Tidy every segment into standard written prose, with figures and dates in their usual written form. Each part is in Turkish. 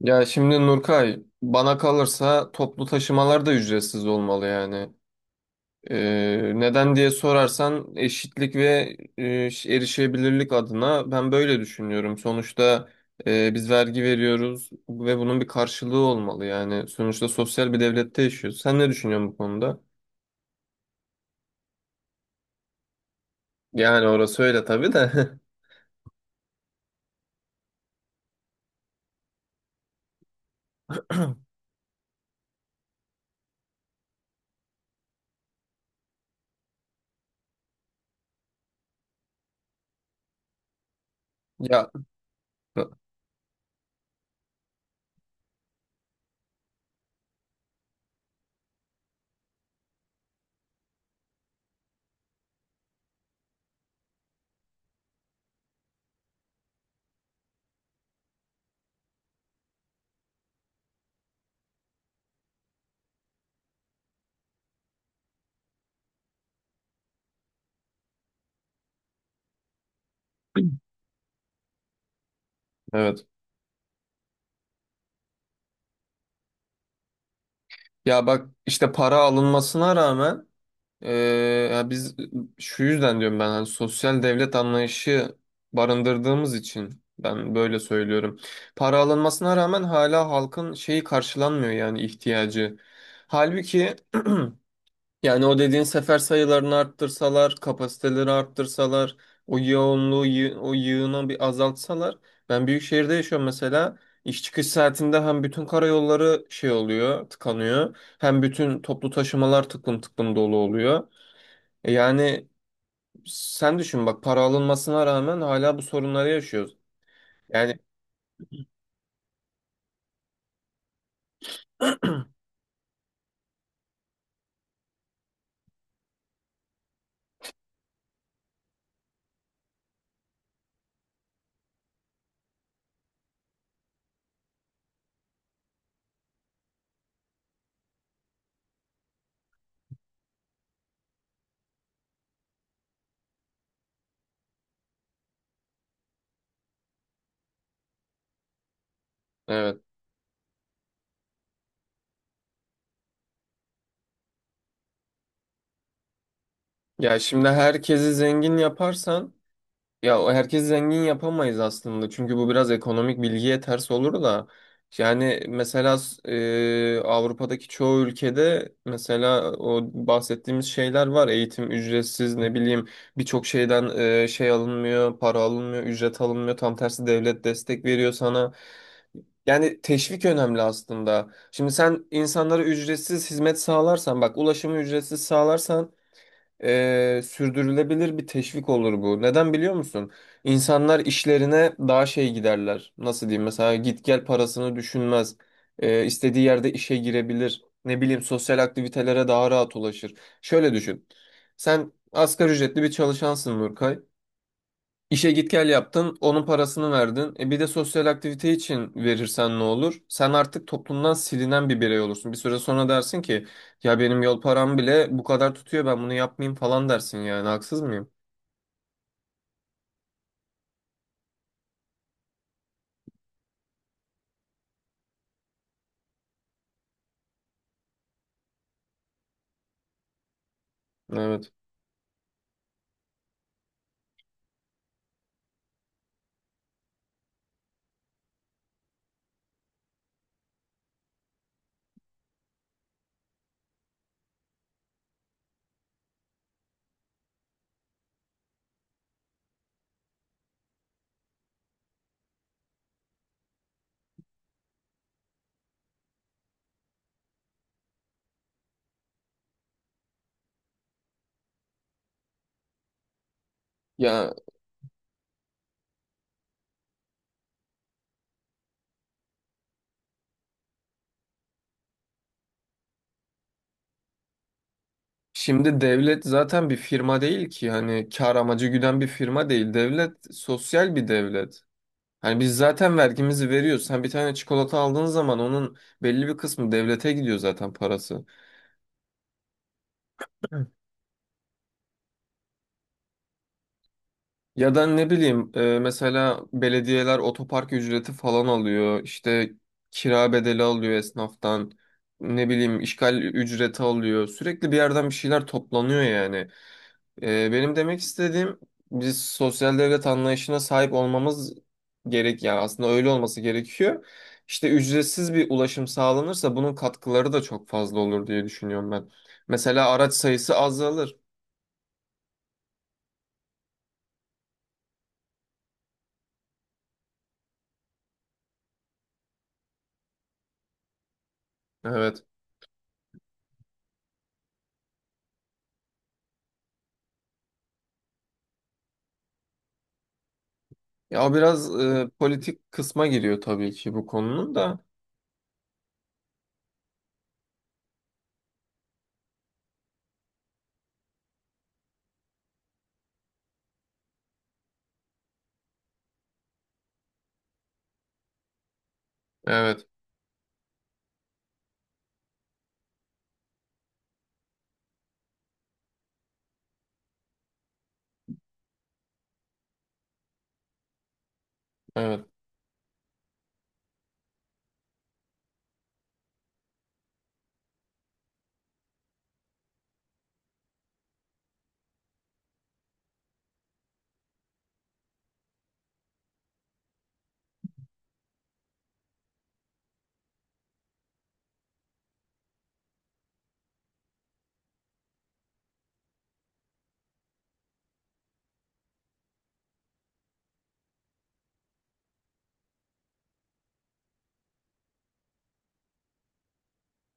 Ya şimdi Nurkay, bana kalırsa toplu taşımalar da ücretsiz olmalı yani. Neden diye sorarsan eşitlik ve erişebilirlik adına ben böyle düşünüyorum. Sonuçta biz vergi veriyoruz ve bunun bir karşılığı olmalı yani. Sonuçta sosyal bir devlette yaşıyoruz. Sen ne düşünüyorsun bu konuda? Yani orası öyle tabii de. Ya evet. Ya bak işte para alınmasına rağmen. Ee, ya biz şu yüzden diyorum ben hani sosyal devlet anlayışı barındırdığımız için ben böyle söylüyorum. Para alınmasına rağmen hala halkın şeyi karşılanmıyor yani ihtiyacı. Halbuki yani o dediğin sefer sayılarını arttırsalar, kapasiteleri arttırsalar, o yoğunluğu, o yığını bir azaltsalar. Ben büyük şehirde yaşıyorum mesela. İş çıkış saatinde hem bütün karayolları şey oluyor, tıkanıyor. Hem bütün toplu taşımalar tıklım tıklım dolu oluyor. Yani sen düşün bak para alınmasına rağmen hala bu sorunları yaşıyoruz. Yani evet. Ya şimdi herkesi zengin yaparsan ya o herkesi zengin yapamayız aslında. Çünkü bu biraz ekonomik bilgiye ters olur da. Yani mesela Avrupa'daki çoğu ülkede mesela o bahsettiğimiz şeyler var. Eğitim ücretsiz, ne bileyim birçok şeyden alınmıyor, para alınmıyor, ücret alınmıyor. Tam tersi devlet destek veriyor sana. Yani teşvik önemli aslında. Şimdi sen insanlara ücretsiz hizmet sağlarsan, bak ulaşımı ücretsiz sağlarsan sürdürülebilir bir teşvik olur bu. Neden biliyor musun? İnsanlar işlerine daha şey giderler. Nasıl diyeyim? Mesela git gel parasını düşünmez. İstediği yerde işe girebilir. Ne bileyim sosyal aktivitelere daha rahat ulaşır. Şöyle düşün. Sen asgari ücretli bir çalışansın Nurkay. İşe git gel yaptın, onun parasını verdin. E bir de sosyal aktivite için verirsen ne olur? Sen artık toplumdan silinen bir birey olursun. Bir süre sonra dersin ki ya benim yol param bile bu kadar tutuyor, ben bunu yapmayayım falan dersin yani. Haksız mıyım? Evet. Ya şimdi devlet zaten bir firma değil ki, hani kar amacı güden bir firma değil. Devlet sosyal bir devlet. Hani biz zaten vergimizi veriyoruz. Sen bir tane çikolata aldığın zaman onun belli bir kısmı devlete gidiyor zaten parası. Ya da ne bileyim, mesela belediyeler otopark ücreti falan alıyor. İşte kira bedeli alıyor esnaftan. Ne bileyim işgal ücreti alıyor. Sürekli bir yerden bir şeyler toplanıyor yani. Benim demek istediğim, biz sosyal devlet anlayışına sahip olmamız gerek yani, aslında öyle olması gerekiyor. İşte ücretsiz bir ulaşım sağlanırsa bunun katkıları da çok fazla olur diye düşünüyorum ben. Mesela araç sayısı azalır. Evet. Ya o biraz politik kısma giriyor tabii ki bu konunun da. Evet, evet.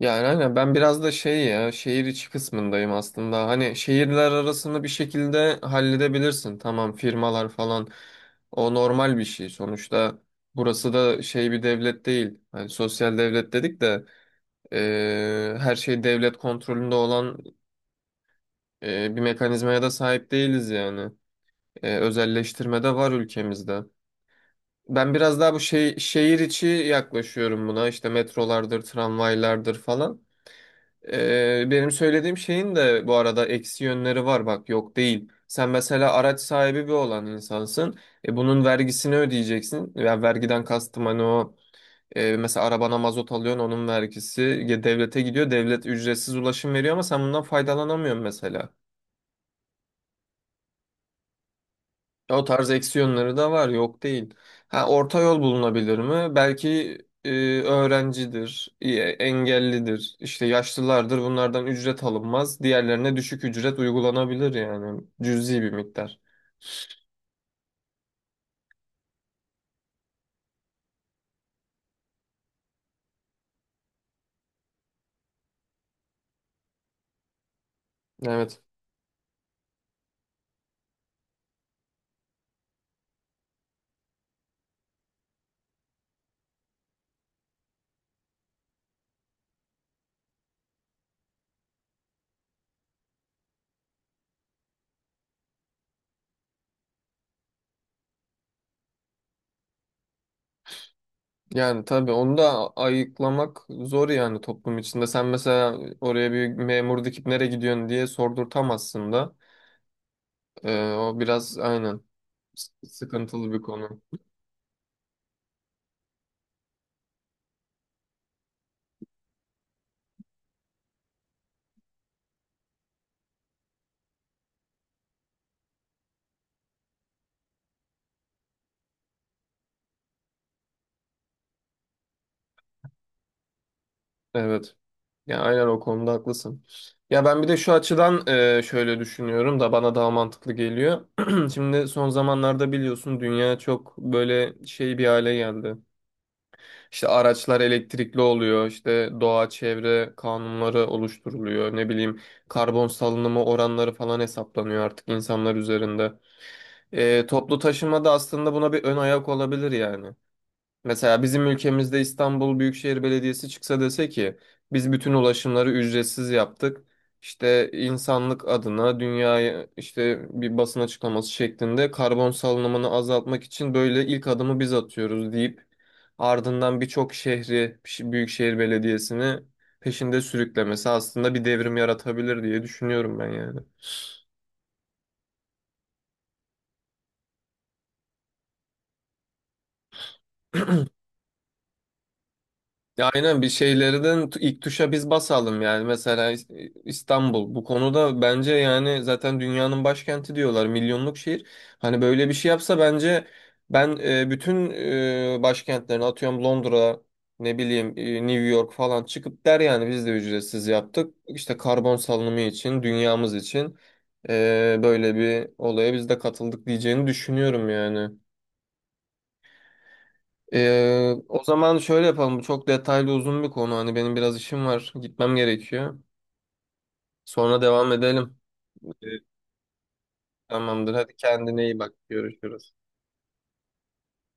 Yani aynen, ben biraz da şey, ya şehir içi kısmındayım aslında. Hani şehirler arasını bir şekilde halledebilirsin. Tamam, firmalar falan o normal bir şey. Sonuçta burası da şey bir devlet değil. Hani sosyal devlet dedik de her şey devlet kontrolünde olan bir mekanizmaya da sahip değiliz yani. Özelleştirme de var ülkemizde. Ben biraz daha bu şey, şehir içi yaklaşıyorum buna. İşte metrolardır, tramvaylardır falan. Benim söylediğim şeyin de bu arada eksi yönleri var bak, yok değil. Sen mesela araç sahibi bir olan insansın. Bunun vergisini ödeyeceksin. Yani vergiden kastım hani o, mesela arabana mazot alıyorsun onun vergisi ya devlete gidiyor. Devlet ücretsiz ulaşım veriyor ama sen bundan faydalanamıyorsun mesela. O tarz eksiyonları da var, yok değil. Ha, orta yol bulunabilir mi? Belki e, öğrencidir, engellidir, işte yaşlılardır. Bunlardan ücret alınmaz. Diğerlerine düşük ücret uygulanabilir yani. Cüzi bir miktar. Evet. Yani tabii onu da ayıklamak zor yani toplum içinde. Sen mesela oraya bir memur dikip nereye gidiyorsun diye sordurtamazsın da. O biraz aynen. Sıkıntılı bir konu. Evet. Ya aynen, o konuda haklısın. Ya ben bir de şu açıdan şöyle düşünüyorum da bana daha mantıklı geliyor. Şimdi son zamanlarda biliyorsun dünya çok böyle şey bir hale geldi. İşte araçlar elektrikli oluyor, işte doğa çevre kanunları oluşturuluyor. Ne bileyim karbon salınımı oranları falan hesaplanıyor artık insanlar üzerinde. Toplu taşıma da aslında buna bir ön ayak olabilir yani. Mesela bizim ülkemizde İstanbul Büyükşehir Belediyesi çıksa dese ki biz bütün ulaşımları ücretsiz yaptık. İşte insanlık adına dünyaya işte bir basın açıklaması şeklinde karbon salınımını azaltmak için böyle ilk adımı biz atıyoruz deyip ardından birçok şehri Büyükşehir Belediyesi'ni peşinde sürüklemesi aslında bir devrim yaratabilir diye düşünüyorum ben yani. Ya aynen, bir şeylerden ilk tuşa biz basalım yani. Mesela İstanbul bu konuda, bence yani zaten dünyanın başkenti diyorlar, milyonluk şehir, hani böyle bir şey yapsa bence ben, bütün başkentlerini atıyorum Londra, ne bileyim, New York falan çıkıp der yani biz de ücretsiz yaptık işte karbon salınımı için, dünyamız için, böyle bir olaya biz de katıldık diyeceğini düşünüyorum yani. O zaman şöyle yapalım. Bu çok detaylı uzun bir konu. Hani benim biraz işim var. Gitmem gerekiyor. Sonra devam edelim. Ee, Tamamdır. Hadi kendine iyi bak. Görüşürüz.